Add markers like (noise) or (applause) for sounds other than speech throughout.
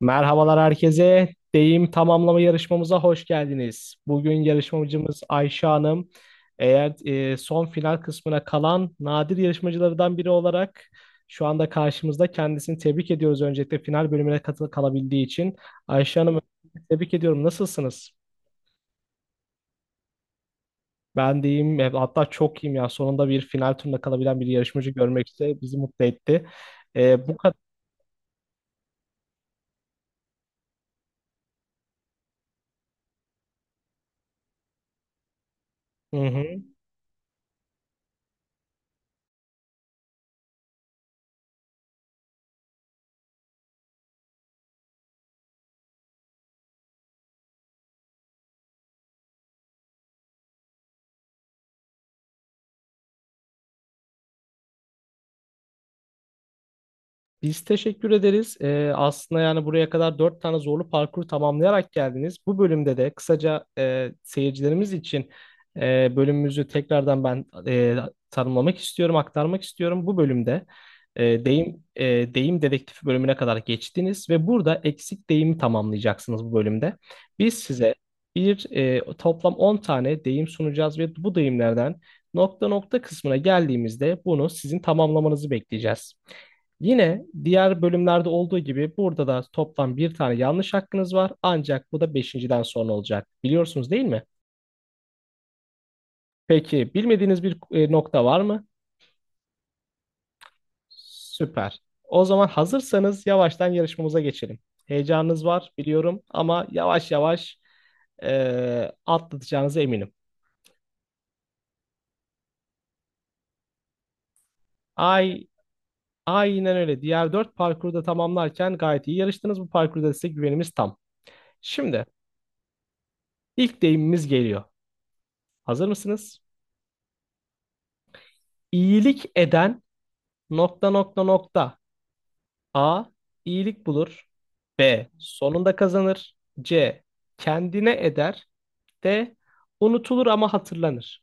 Merhabalar herkese. Deyim tamamlama yarışmamıza hoş geldiniz. Bugün yarışmacımız Ayşe Hanım. Eğer son final kısmına kalan nadir yarışmacılardan biri olarak şu anda karşımızda kendisini tebrik ediyoruz, öncelikle final bölümüne kalabildiği için. Ayşe Hanım, tebrik ediyorum. Nasılsınız? Ben deyim hatta çok iyiyim ya. Sonunda bir final turuna kalabilen bir yarışmacı görmek de bizi mutlu etti. Bu kadar. Biz teşekkür ederiz. Aslında yani buraya kadar dört tane zorlu parkuru tamamlayarak geldiniz. Bu bölümde de kısaca seyircilerimiz için bölümümüzü tekrardan ben tanımlamak istiyorum, aktarmak istiyorum. Bu bölümde deyim dedektifi bölümüne kadar geçtiniz ve burada eksik deyimi tamamlayacaksınız bu bölümde. Biz size bir toplam 10 tane deyim sunacağız ve bu deyimlerden nokta nokta kısmına geldiğimizde bunu sizin tamamlamanızı bekleyeceğiz. Yine diğer bölümlerde olduğu gibi burada da toplam bir tane yanlış hakkınız var. Ancak bu da beşinciden sonra olacak. Biliyorsunuz, değil mi? Peki, bilmediğiniz bir nokta var mı? Süper. O zaman hazırsanız yavaştan yarışmamıza geçelim. Heyecanınız var biliyorum ama yavaş yavaş atlatacağınıza eminim. Ay, aynen öyle. Diğer dört parkuru da tamamlarken gayet iyi yarıştınız. Bu parkurda size güvenimiz tam. Şimdi ilk deyimimiz geliyor. Hazır mısınız? İyilik eden, nokta nokta nokta. A, iyilik bulur. B, sonunda kazanır. C, kendine eder. D, unutulur ama hatırlanır.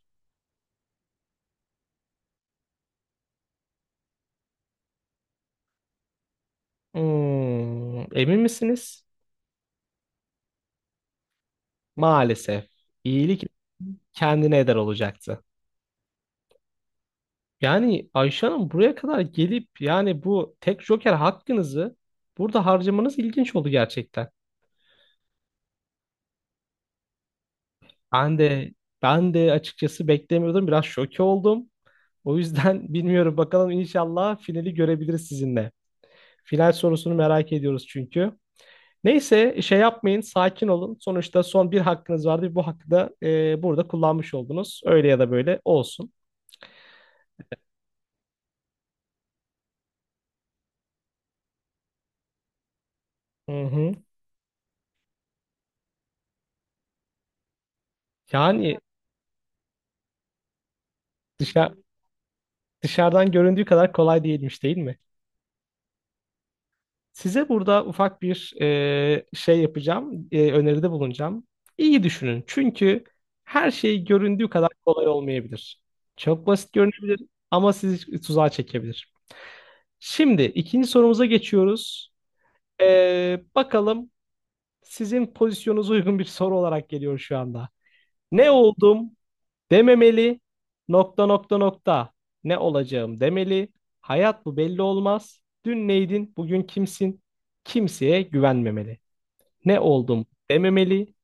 Hmm, emin misiniz? Maalesef. İyilik kendine eder olacaktı. Yani Ayşe Hanım, buraya kadar gelip yani bu tek joker hakkınızı burada harcamanız ilginç oldu gerçekten. Ben de ben de açıkçası beklemiyordum. Biraz şoke oldum. O yüzden (laughs) bilmiyorum, bakalım, inşallah finali görebiliriz sizinle. Final sorusunu merak ediyoruz çünkü. Neyse, şey yapmayın, sakin olun. Sonuçta son bir hakkınız vardı. Bu hakkı da burada kullanmış oldunuz. Öyle ya da böyle olsun. Hı hı. Yani dışa- dışarıdan göründüğü kadar kolay değilmiş, değil mi? Size burada ufak bir şey yapacağım. Öneride bulunacağım. İyi düşünün. Çünkü her şey göründüğü kadar kolay olmayabilir. Çok basit görünebilir ama sizi tuzağa çekebilir. Şimdi ikinci sorumuza geçiyoruz. Bakalım, sizin pozisyonunuza uygun bir soru olarak geliyor şu anda. Ne oldum dememeli, nokta nokta nokta. Ne olacağım demeli. Hayat bu, belli olmaz. Dün neydin, bugün kimsin? Kimseye güvenmemeli. Ne oldum dememeli.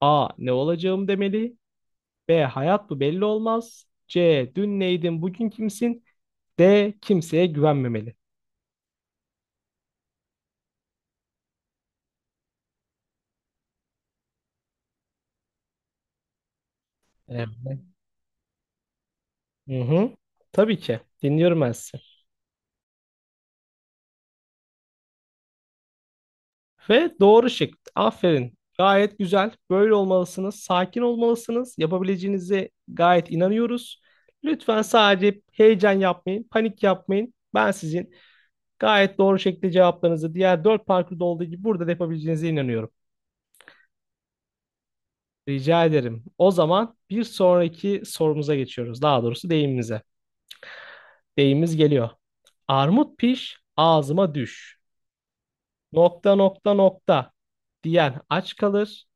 A. Ne olacağım demeli. B. Hayat bu, belli olmaz. C. Dün neydin, bugün kimsin? D. Kimseye güvenmemeli. Evet. Hı hı. Tabii ki. Dinliyorum ben sizi. Ve doğru şık. Aferin. Gayet güzel. Böyle olmalısınız. Sakin olmalısınız. Yapabileceğinize gayet inanıyoruz. Lütfen sadece heyecan yapmayın, panik yapmayın. Ben sizin gayet doğru şekilde cevaplarınızı diğer dört parkurda olduğu gibi burada da yapabileceğinize inanıyorum. Rica ederim. O zaman bir sonraki sorumuza geçiyoruz. Daha doğrusu deyimimize. Deyimimiz geliyor. Armut piş, ağzıma düş, nokta nokta nokta, diyen aç kalır,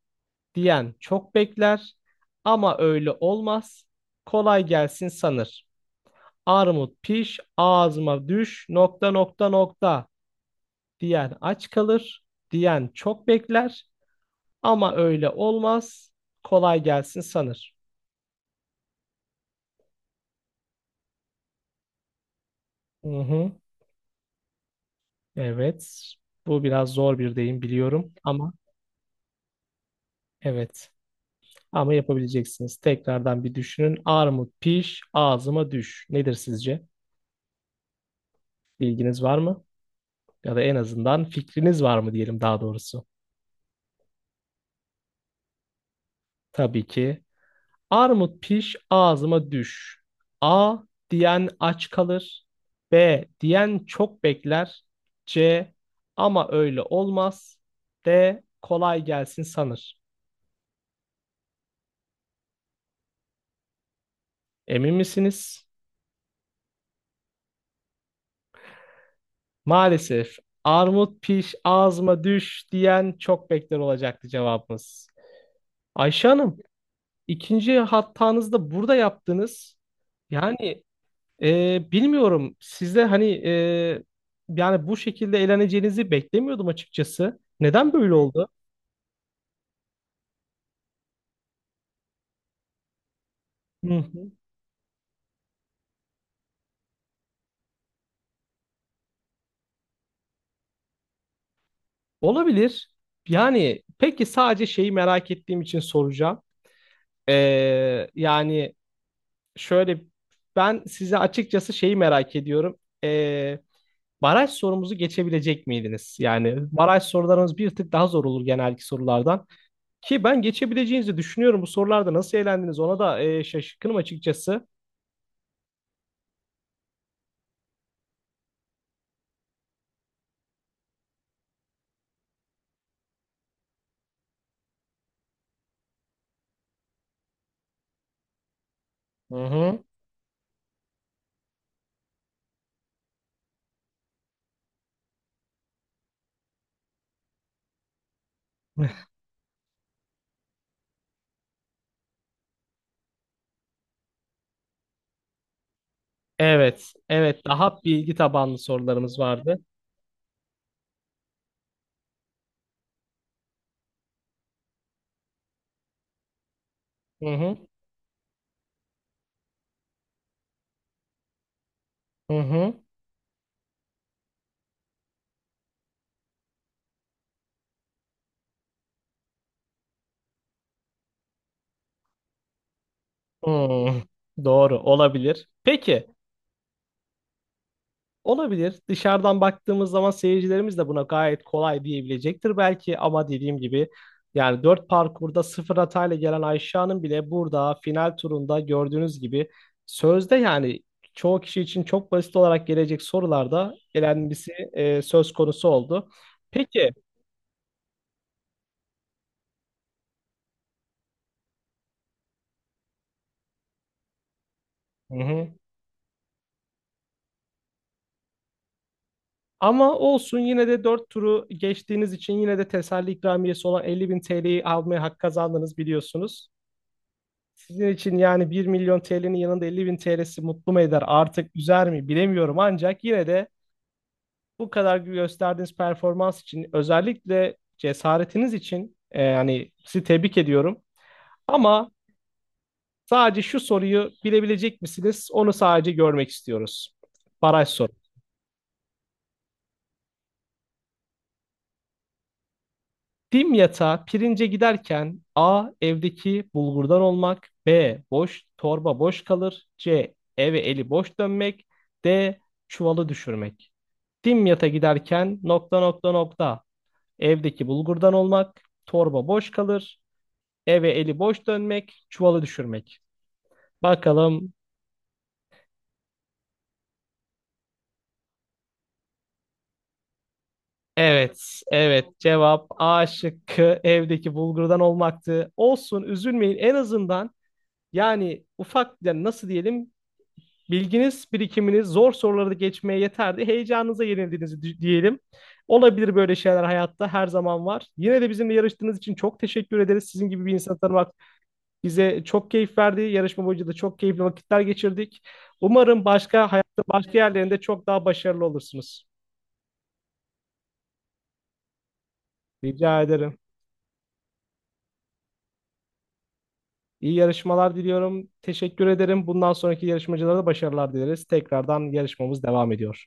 diyen çok bekler ama öyle olmaz. Kolay gelsin sanır. Armut piş, ağzıma düş, nokta nokta nokta, diyen aç kalır, diyen çok bekler ama öyle olmaz. Kolay gelsin sanır. Hı hı. Evet. Bu biraz zor bir deyim biliyorum ama evet. Ama yapabileceksiniz. Tekrardan bir düşünün. Armut piş, ağzıma düş. Nedir sizce? Bilginiz var mı? Ya da en azından fikriniz var mı diyelim, daha doğrusu. Tabii ki. Armut piş ağzıma düş. A, diyen aç kalır. B, diyen çok bekler. C, ama öyle olmaz. D, kolay gelsin sanır. Emin misiniz? Maalesef, armut piş ağzıma düş diyen çok bekler olacaktı cevabımız. Ayşe Hanım, ikinci hatanızı da burada yaptınız. Yani bilmiyorum. Sizde hani yani bu şekilde eğleneceğinizi beklemiyordum açıkçası. Neden böyle oldu? Hı hı. Olabilir. Yani, peki, sadece şeyi merak ettiğim için soracağım. Yani şöyle, ben size açıkçası şeyi merak ediyorum. Ee, baraj sorumuzu geçebilecek miydiniz? Yani baraj sorularımız bir tık daha zor olur genelki sorulardan. Ki ben geçebileceğinizi düşünüyorum. Bu sorularda nasıl eğlendiniz, ona da şaşkınım açıkçası. Hı hı. Evet, evet. Daha bilgi tabanlı sorularımız vardı. Hı hı, hı hı. Hı. Doğru, olabilir. Peki, olabilir. Dışarıdan baktığımız zaman seyircilerimiz de buna gayet kolay diyebilecektir belki ama dediğim gibi, yani 4 parkurda sıfır hatayla gelen Ayşe Hanım bile burada final turunda gördüğünüz gibi sözde yani çoğu kişi için çok basit olarak gelecek sorularda elenmesi söz konusu oldu. Peki. Hı hı. Ama olsun, yine de 4 turu geçtiğiniz için yine de teselli ikramiyesi olan 50 bin TL'yi almaya hak kazandınız, biliyorsunuz. Sizin için yani bir milyon TL'nin yanında 50 bin TL'si mutlu mu eder artık, üzer mi, bilemiyorum. Ancak yine de bu kadar gösterdiğiniz performans için, özellikle cesaretiniz için yani sizi tebrik ediyorum. Ama sadece şu soruyu bilebilecek misiniz? Onu sadece görmek istiyoruz. Baraj. Dim yatağa pirince giderken: A. Evdeki bulgurdan olmak. B. Boş torba boş kalır. C. Eve eli boş dönmek. D. Çuvalı düşürmek. Dim yata giderken, nokta nokta nokta. Evdeki bulgurdan olmak. Torba boş kalır. Eve eli boş dönmek. Çuvalı düşürmek. Bakalım. Evet, evet. Cevap A şıkkı, evdeki bulgurdan olmaktı. Olsun, üzülmeyin. En azından yani ufak, yani nasıl diyelim, bilginiz, birikiminiz zor soruları geçmeye yeterdi. Heyecanınıza yenildiğinizi diyelim. Olabilir, böyle şeyler hayatta her zaman var. Yine de bizimle yarıştığınız için çok teşekkür ederiz. Sizin gibi bir insanı tanımak bize çok keyif verdi. Yarışma boyunca da çok keyifli vakitler geçirdik. Umarım başka hayatta başka yerlerinde çok daha başarılı olursunuz. Rica ederim. İyi yarışmalar diliyorum. Teşekkür ederim. Bundan sonraki yarışmacılara da başarılar dileriz. Tekrardan yarışmamız devam ediyor.